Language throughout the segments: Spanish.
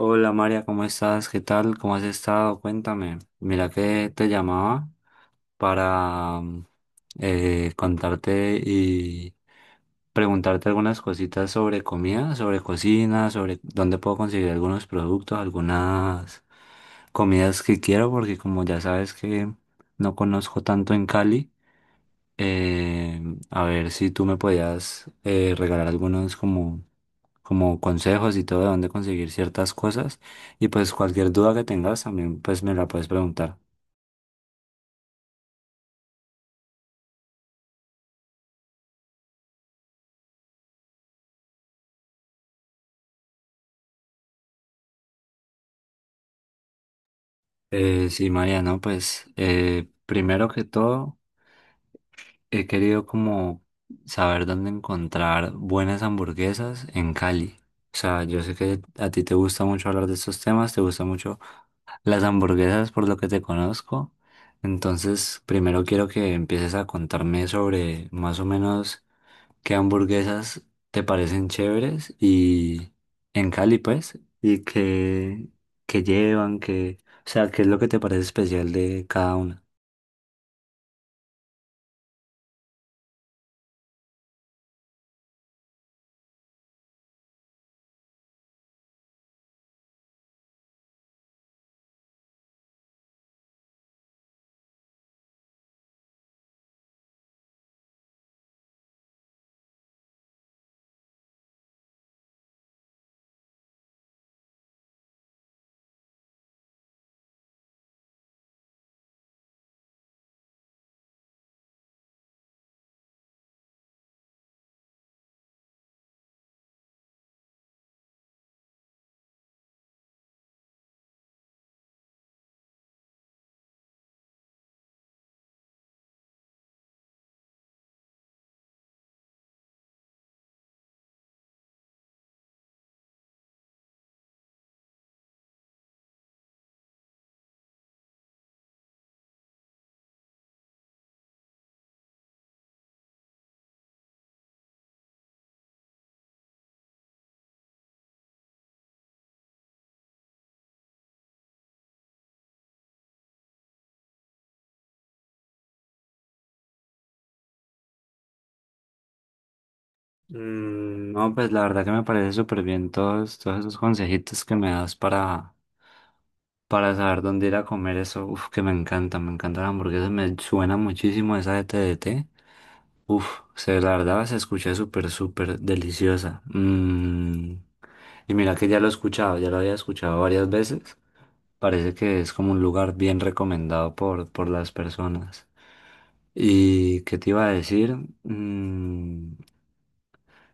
Hola María, ¿cómo estás? ¿Qué tal? ¿Cómo has estado? Cuéntame. Mira que te llamaba para contarte y preguntarte algunas cositas sobre comida, sobre cocina, sobre dónde puedo conseguir algunos productos, algunas comidas que quiero, porque como ya sabes que no conozco tanto en Cali, eh, a ver si tú me podías regalar algunos como consejos y todo de dónde conseguir ciertas cosas. Y pues cualquier duda que tengas también pues me la puedes preguntar. Sí, María, no, pues primero que todo he querido como saber dónde encontrar buenas hamburguesas en Cali. O sea, yo sé que a ti te gusta mucho hablar de estos temas, te gustan mucho las hamburguesas por lo que te conozco. Entonces, primero quiero que empieces a contarme sobre más o menos qué hamburguesas te parecen chéveres y en Cali, pues, qué llevan, o sea, qué es lo que te parece especial de cada una. No, pues la verdad que me parece súper bien todos esos consejitos que me das para saber dónde ir a comer eso. Uf, que me encanta la hamburguesa, me suena muchísimo esa de TDT. Uf, se, la verdad se escucha súper, súper deliciosa. Y mira que ya lo he escuchado, ya lo había escuchado varias veces. Parece que es como un lugar bien recomendado por las personas. ¿Y qué te iba a decir? Mm,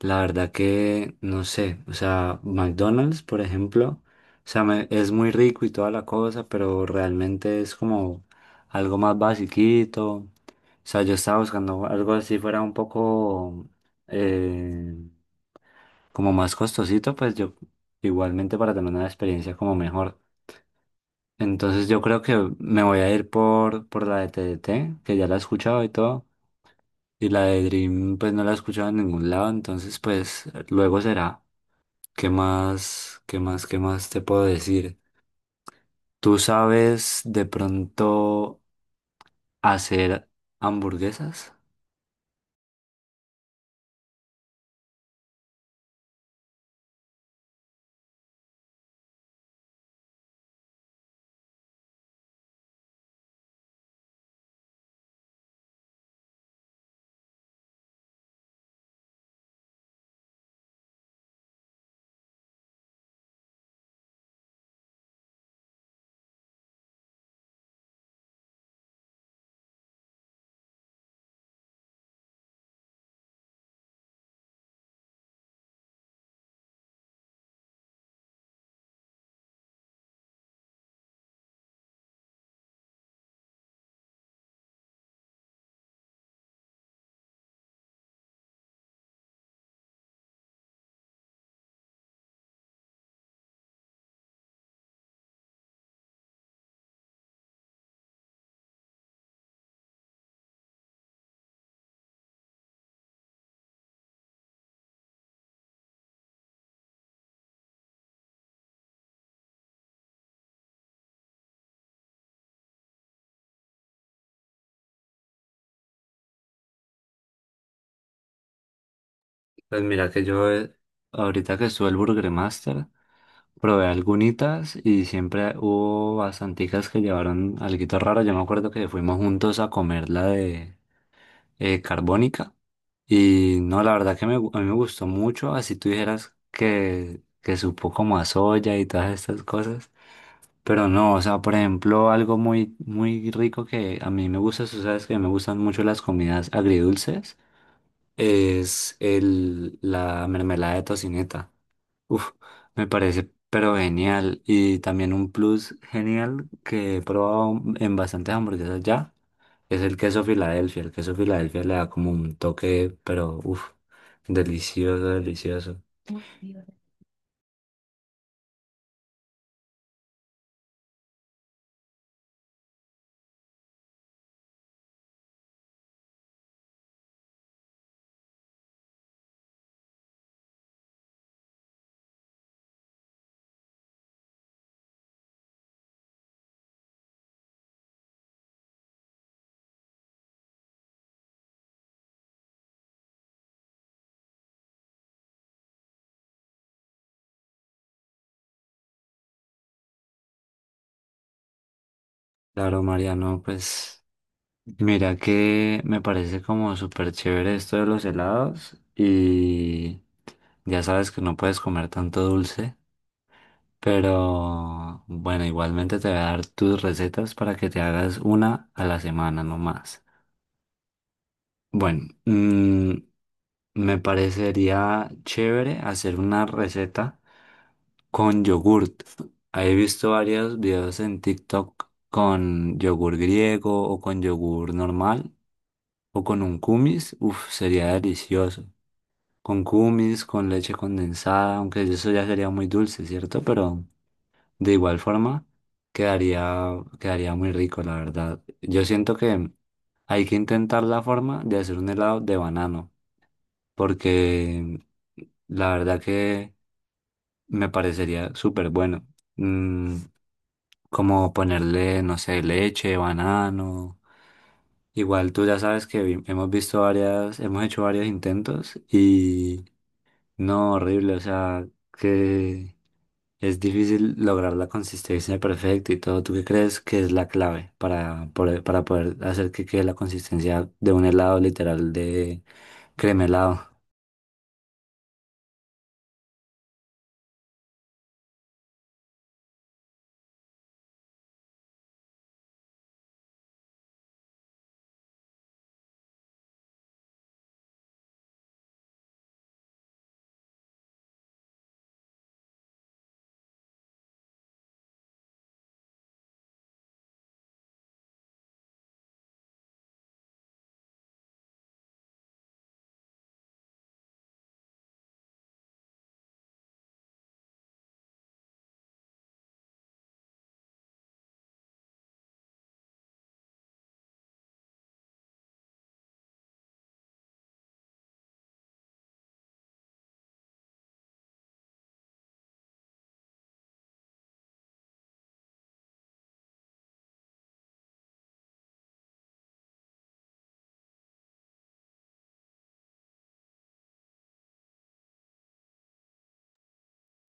la verdad que no sé, o sea, McDonald's, por ejemplo, es muy rico y toda la cosa, pero realmente es como algo más basiquito. O sea, yo estaba buscando algo así fuera un poco eh, como más costosito, pues yo igualmente para tener una experiencia como mejor. Entonces yo creo que me voy a ir por la de TDT, que ya la he escuchado y todo. Y la de Dream, pues no la he escuchado en ningún lado. Entonces, pues luego será. ¿Qué más, qué más, qué más te puedo decir? ¿Tú sabes de pronto hacer hamburguesas? Pues mira que yo, ahorita que estuve el Burger Master, probé algunitas y siempre hubo bastanticas que llevaron alguito raro. Yo me acuerdo que fuimos juntos a comer la de carbónica. Y no, la verdad que a mí me gustó mucho, así tú dijeras que supo como a soya y todas estas cosas. Pero no, o sea, por ejemplo, algo muy, muy rico que a mí me gusta, tú sabes que me gustan mucho las comidas agridulces es la mermelada de tocineta. Uf, me parece pero genial. Y también un plus genial que he probado en bastantes hamburguesas ya es el queso Filadelfia. El queso Filadelfia le da como un toque, pero uf, delicioso, delicioso. Claro, Mariano, pues mira que me parece como súper chévere esto de los helados y ya sabes que no puedes comer tanto dulce. Pero bueno, igualmente te voy a dar tus recetas para que te hagas una a la semana, no más. Bueno, me parecería chévere hacer una receta con yogurt. He visto varios videos en TikTok con yogur griego o con yogur normal o con un kumis. Uf, sería delicioso. Con kumis, con leche condensada, aunque eso ya sería muy dulce, ¿cierto? Pero... de igual forma, quedaría muy rico, la verdad. Yo siento que hay que intentar la forma de hacer un helado de banano, porque la verdad que me parecería súper bueno. Mm, Como ponerle, no sé, leche, banano. Igual tú ya sabes que hemos visto varias, hemos hecho varios intentos y no, horrible, o sea, que es difícil lograr la consistencia perfecta y todo. ¿Tú qué crees que es la clave para poder hacer que quede la consistencia de un helado literal de crema helado?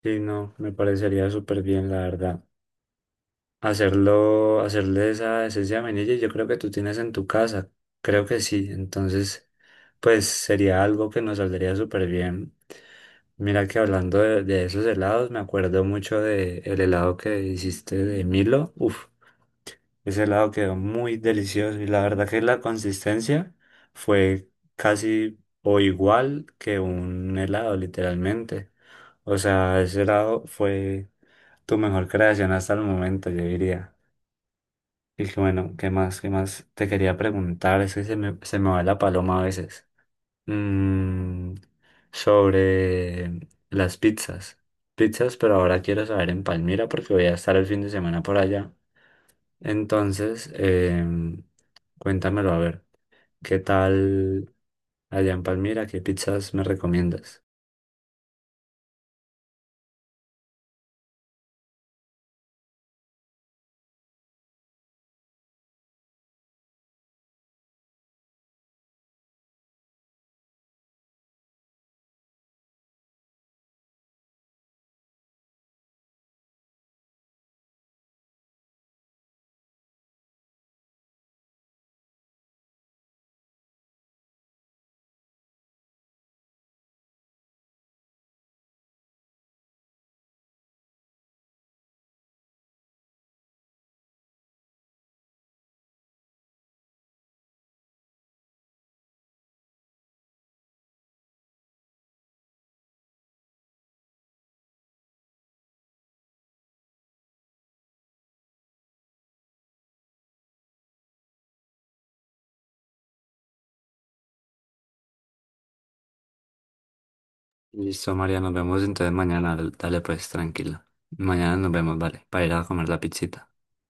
Sí, no, me parecería súper bien, la verdad. Hacerlo, hacerle esa esencia de vainilla, yo creo que tú tienes en tu casa. Creo que sí. Entonces, pues sería algo que nos saldría súper bien. Mira que hablando de esos helados, me acuerdo mucho de el helado que hiciste de Milo. Uf. Ese helado quedó muy delicioso y la verdad que la consistencia fue casi o igual que un helado, literalmente. O sea, ese helado fue tu mejor creación hasta el momento, yo diría. Y que bueno, ¿qué más? ¿Qué más te quería preguntar? Es que se me va la paloma a veces. Mm, Sobre las pizzas. Pizzas, pero ahora quiero saber en Palmira porque voy a estar el fin de semana por allá. Entonces, cuéntamelo a ver. ¿Qué tal allá en Palmira? ¿Qué pizzas me recomiendas? Listo, María, nos vemos entonces mañana. Dale pues, tranquila. Mañana nos vemos, vale, para ir a comer la pizzita.